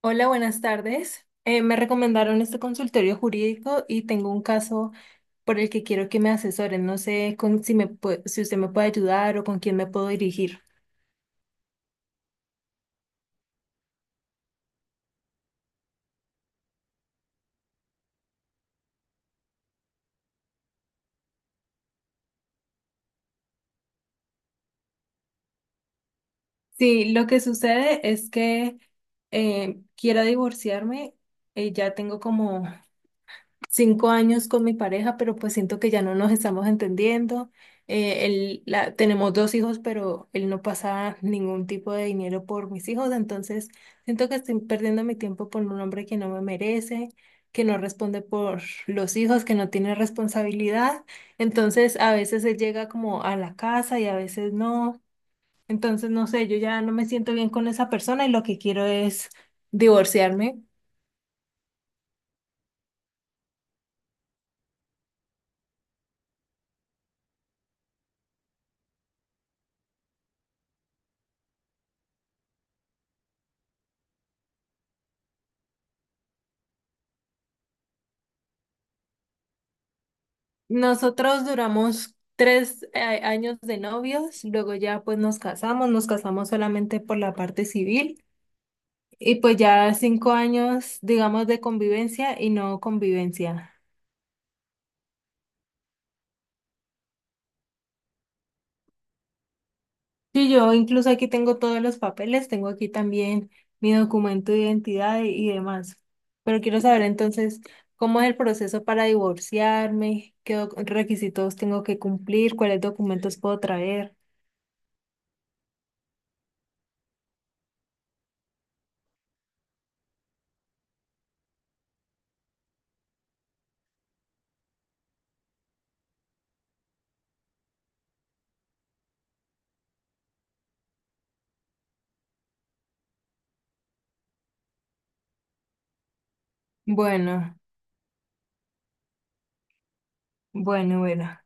Hola, buenas tardes. Me recomendaron este consultorio jurídico y tengo un caso por el que quiero que me asesoren. No sé si usted me puede ayudar o con quién me puedo dirigir. Sí, lo que sucede es que quiero divorciarme. Ya tengo como 5 años con mi pareja, pero pues siento que ya no nos estamos entendiendo. Tenemos dos hijos, pero él no pasa ningún tipo de dinero por mis hijos, entonces siento que estoy perdiendo mi tiempo por un hombre que no me merece, que no responde por los hijos, que no tiene responsabilidad. Entonces a veces él llega como a la casa y a veces no. Entonces, no sé, yo ya no me siento bien con esa persona y lo que quiero es divorciarme. Nosotros duramos tres años de novios, luego ya pues nos casamos solamente por la parte civil y pues ya 5 años, digamos, de convivencia y no convivencia. Sí, yo incluso aquí tengo todos los papeles, tengo aquí también mi documento de identidad y demás. Pero quiero saber entonces cómo es el proceso para divorciarme, qué requisitos tengo que cumplir, cuáles documentos puedo traer. Bueno, bueno, bueno.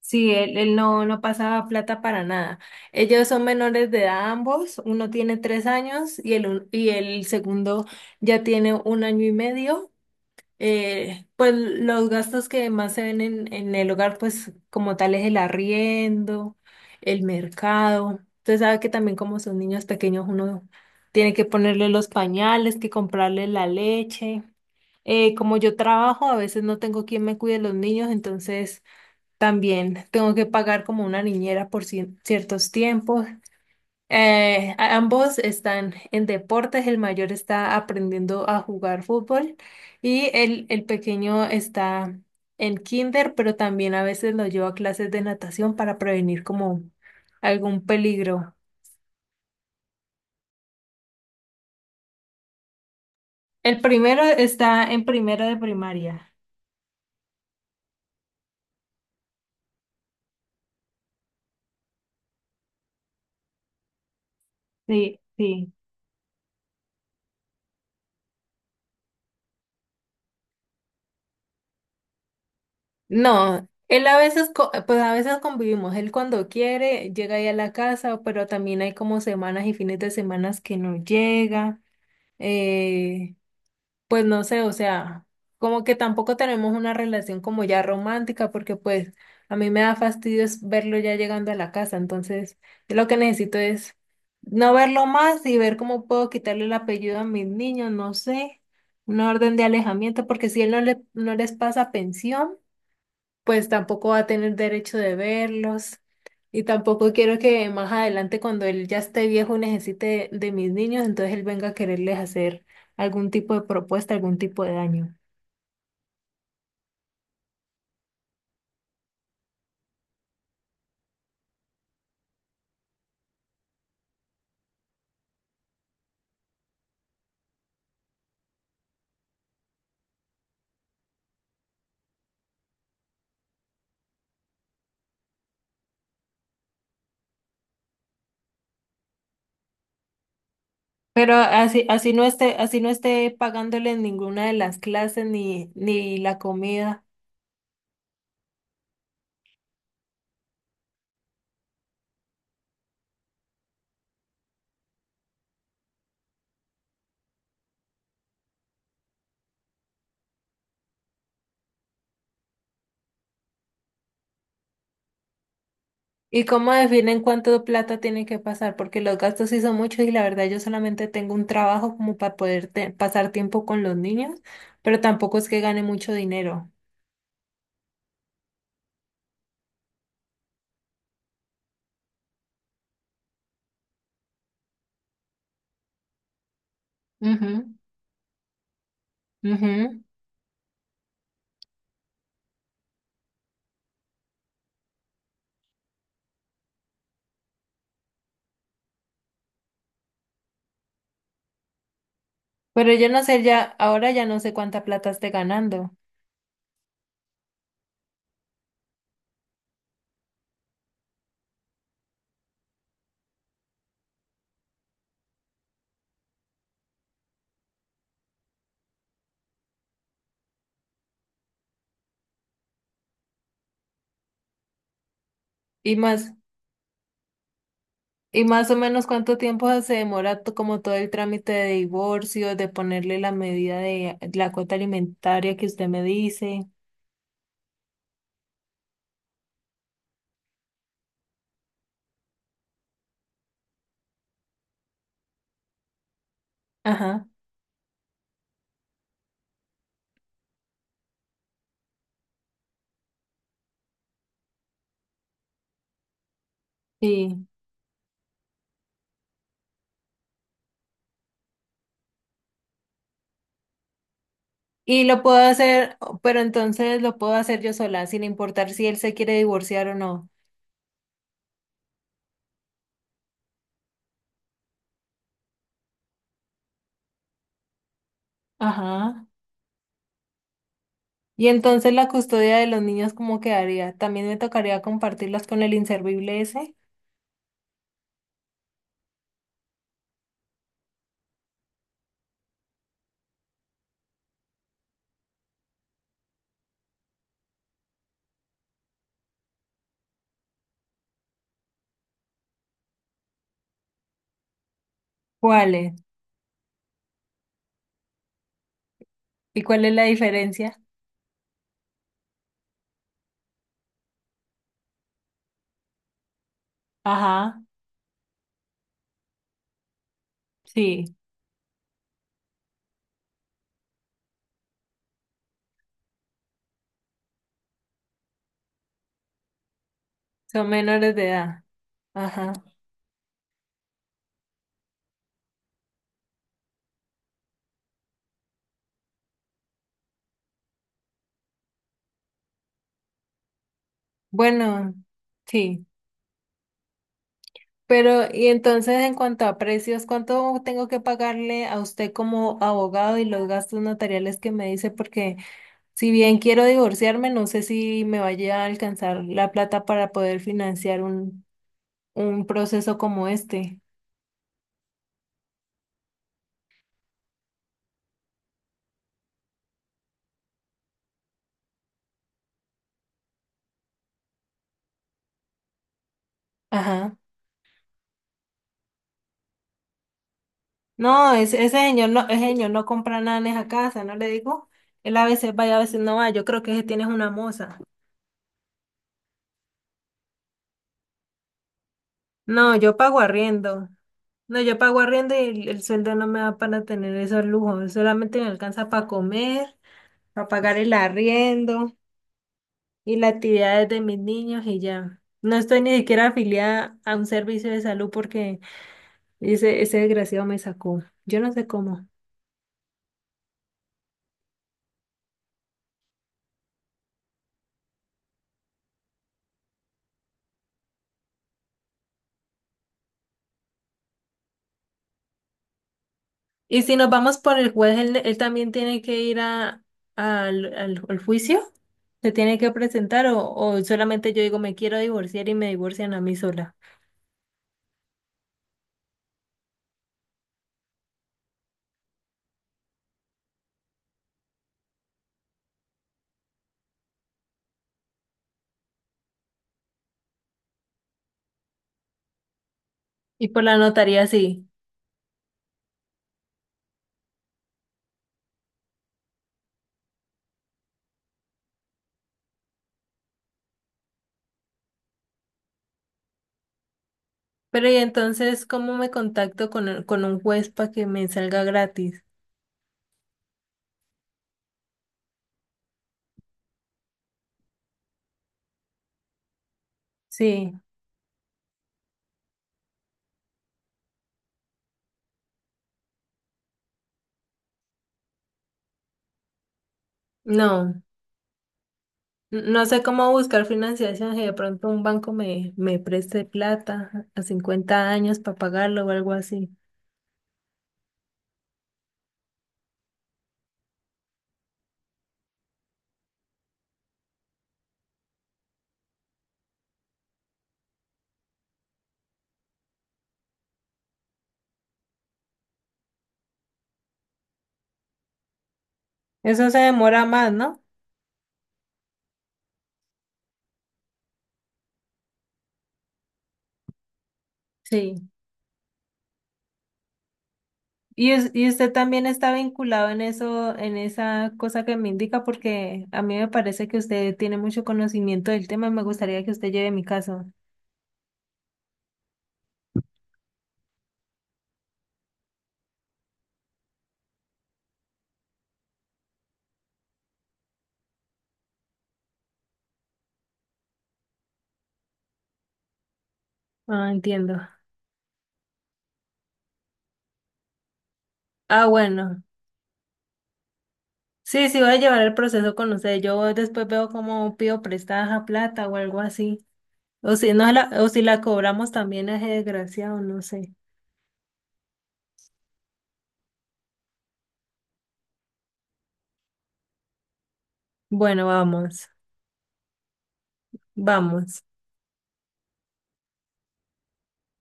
Sí, él no, no pasaba plata para nada. Ellos son menores de edad ambos, uno tiene 3 años y y el segundo ya tiene 1 año y medio. Pues los gastos que más se ven en el hogar, pues como tal es el arriendo, el mercado. Usted sabe que también como son niños pequeños, uno tiene que ponerle los pañales, que comprarle la leche como yo trabajo, a veces no tengo quien me cuide los niños, entonces también tengo que pagar como una niñera por ciertos tiempos. Ambos están en deportes, el mayor está aprendiendo a jugar fútbol y el pequeño está en kinder, pero también a veces lo llevo a clases de natación para prevenir como algún peligro. El primero está en primero de primaria. Sí, sí. No, él a veces, pues a veces convivimos, él cuando quiere llega ahí a la casa, pero también hay como semanas y fines de semanas que no llega. eh, pues no sé, o sea, como que tampoco tenemos una relación como ya romántica, porque pues a mí me da fastidio es verlo ya llegando a la casa, entonces yo lo que necesito es no verlo más y ver cómo puedo quitarle el apellido a mis niños, no sé, una orden de alejamiento, porque si él no les pasa pensión pues tampoco va a tener derecho de verlos. Y tampoco quiero que más adelante, cuando él ya esté viejo, necesite de mis niños, entonces él venga a quererles hacer algún tipo de propuesta, algún tipo de daño. Pero así no esté pagándoles ninguna de las clases ni la comida. ¿Y cómo definen cuánto plata tiene que pasar? Porque los gastos sí son muchos y la verdad yo solamente tengo un trabajo como para poder pasar tiempo con los niños, pero tampoco es que gane mucho dinero. Ujú. Ujú. Pero yo no sé ya, ahora ya no sé cuánta plata esté ganando. Y más, y más o menos cuánto tiempo se demora como todo el trámite de divorcio, de ponerle la medida de la cuota alimentaria que usted me dice. Ajá. Sí. Y lo puedo hacer, pero entonces lo puedo hacer yo sola, sin importar si él se quiere divorciar o no. Ajá. Y entonces la custodia de los niños, ¿cómo quedaría? ¿También me tocaría compartirlas con el inservible ese? ¿Cuáles? ¿Y cuál es la diferencia? Ajá. Sí, son menores de edad. Ajá. Bueno, sí. Pero, y entonces en cuanto a precios, ¿cuánto tengo que pagarle a usted como abogado y los gastos notariales que me dice? Porque si bien quiero divorciarme, no sé si me vaya a alcanzar la plata para poder financiar un proceso como este. Ajá. No, ese señor no, ese señor no compra nada en esa casa, ¿no le digo? Él a veces vaya, a veces no va. Yo creo que ese tiene es una moza. No, yo pago arriendo. No, yo pago arriendo y el sueldo no me da para tener esos lujos, solamente me alcanza para comer, para pagar el arriendo y las actividades de mis niños y ya. No estoy ni siquiera afiliada a un servicio de salud porque ese desgraciado me sacó. Yo no sé cómo. Y si nos vamos por el juez, él también tiene que ir al juicio, se tiene que presentar o solamente yo digo me quiero divorciar y me divorcian a mí sola. Y por la notaría sí. Pero y entonces, ¿cómo me contacto con, con un juez para que me salga gratis? Sí. No, no sé cómo buscar financiación, si de pronto un banco me preste plata a 50 años para pagarlo o algo así. Eso se demora más, ¿no? Sí. Y, y usted también está vinculado en eso, en esa cosa que me indica, porque a mí me parece que usted tiene mucho conocimiento del tema y me gustaría que usted lleve mi caso. Ah, entiendo. Ah, bueno. Sí, sí, voy a llevar el proceso con usted. Yo después veo cómo pido prestada plata o algo así. O si no o si la cobramos también es desgraciado, no sé. Bueno, vamos, vamos.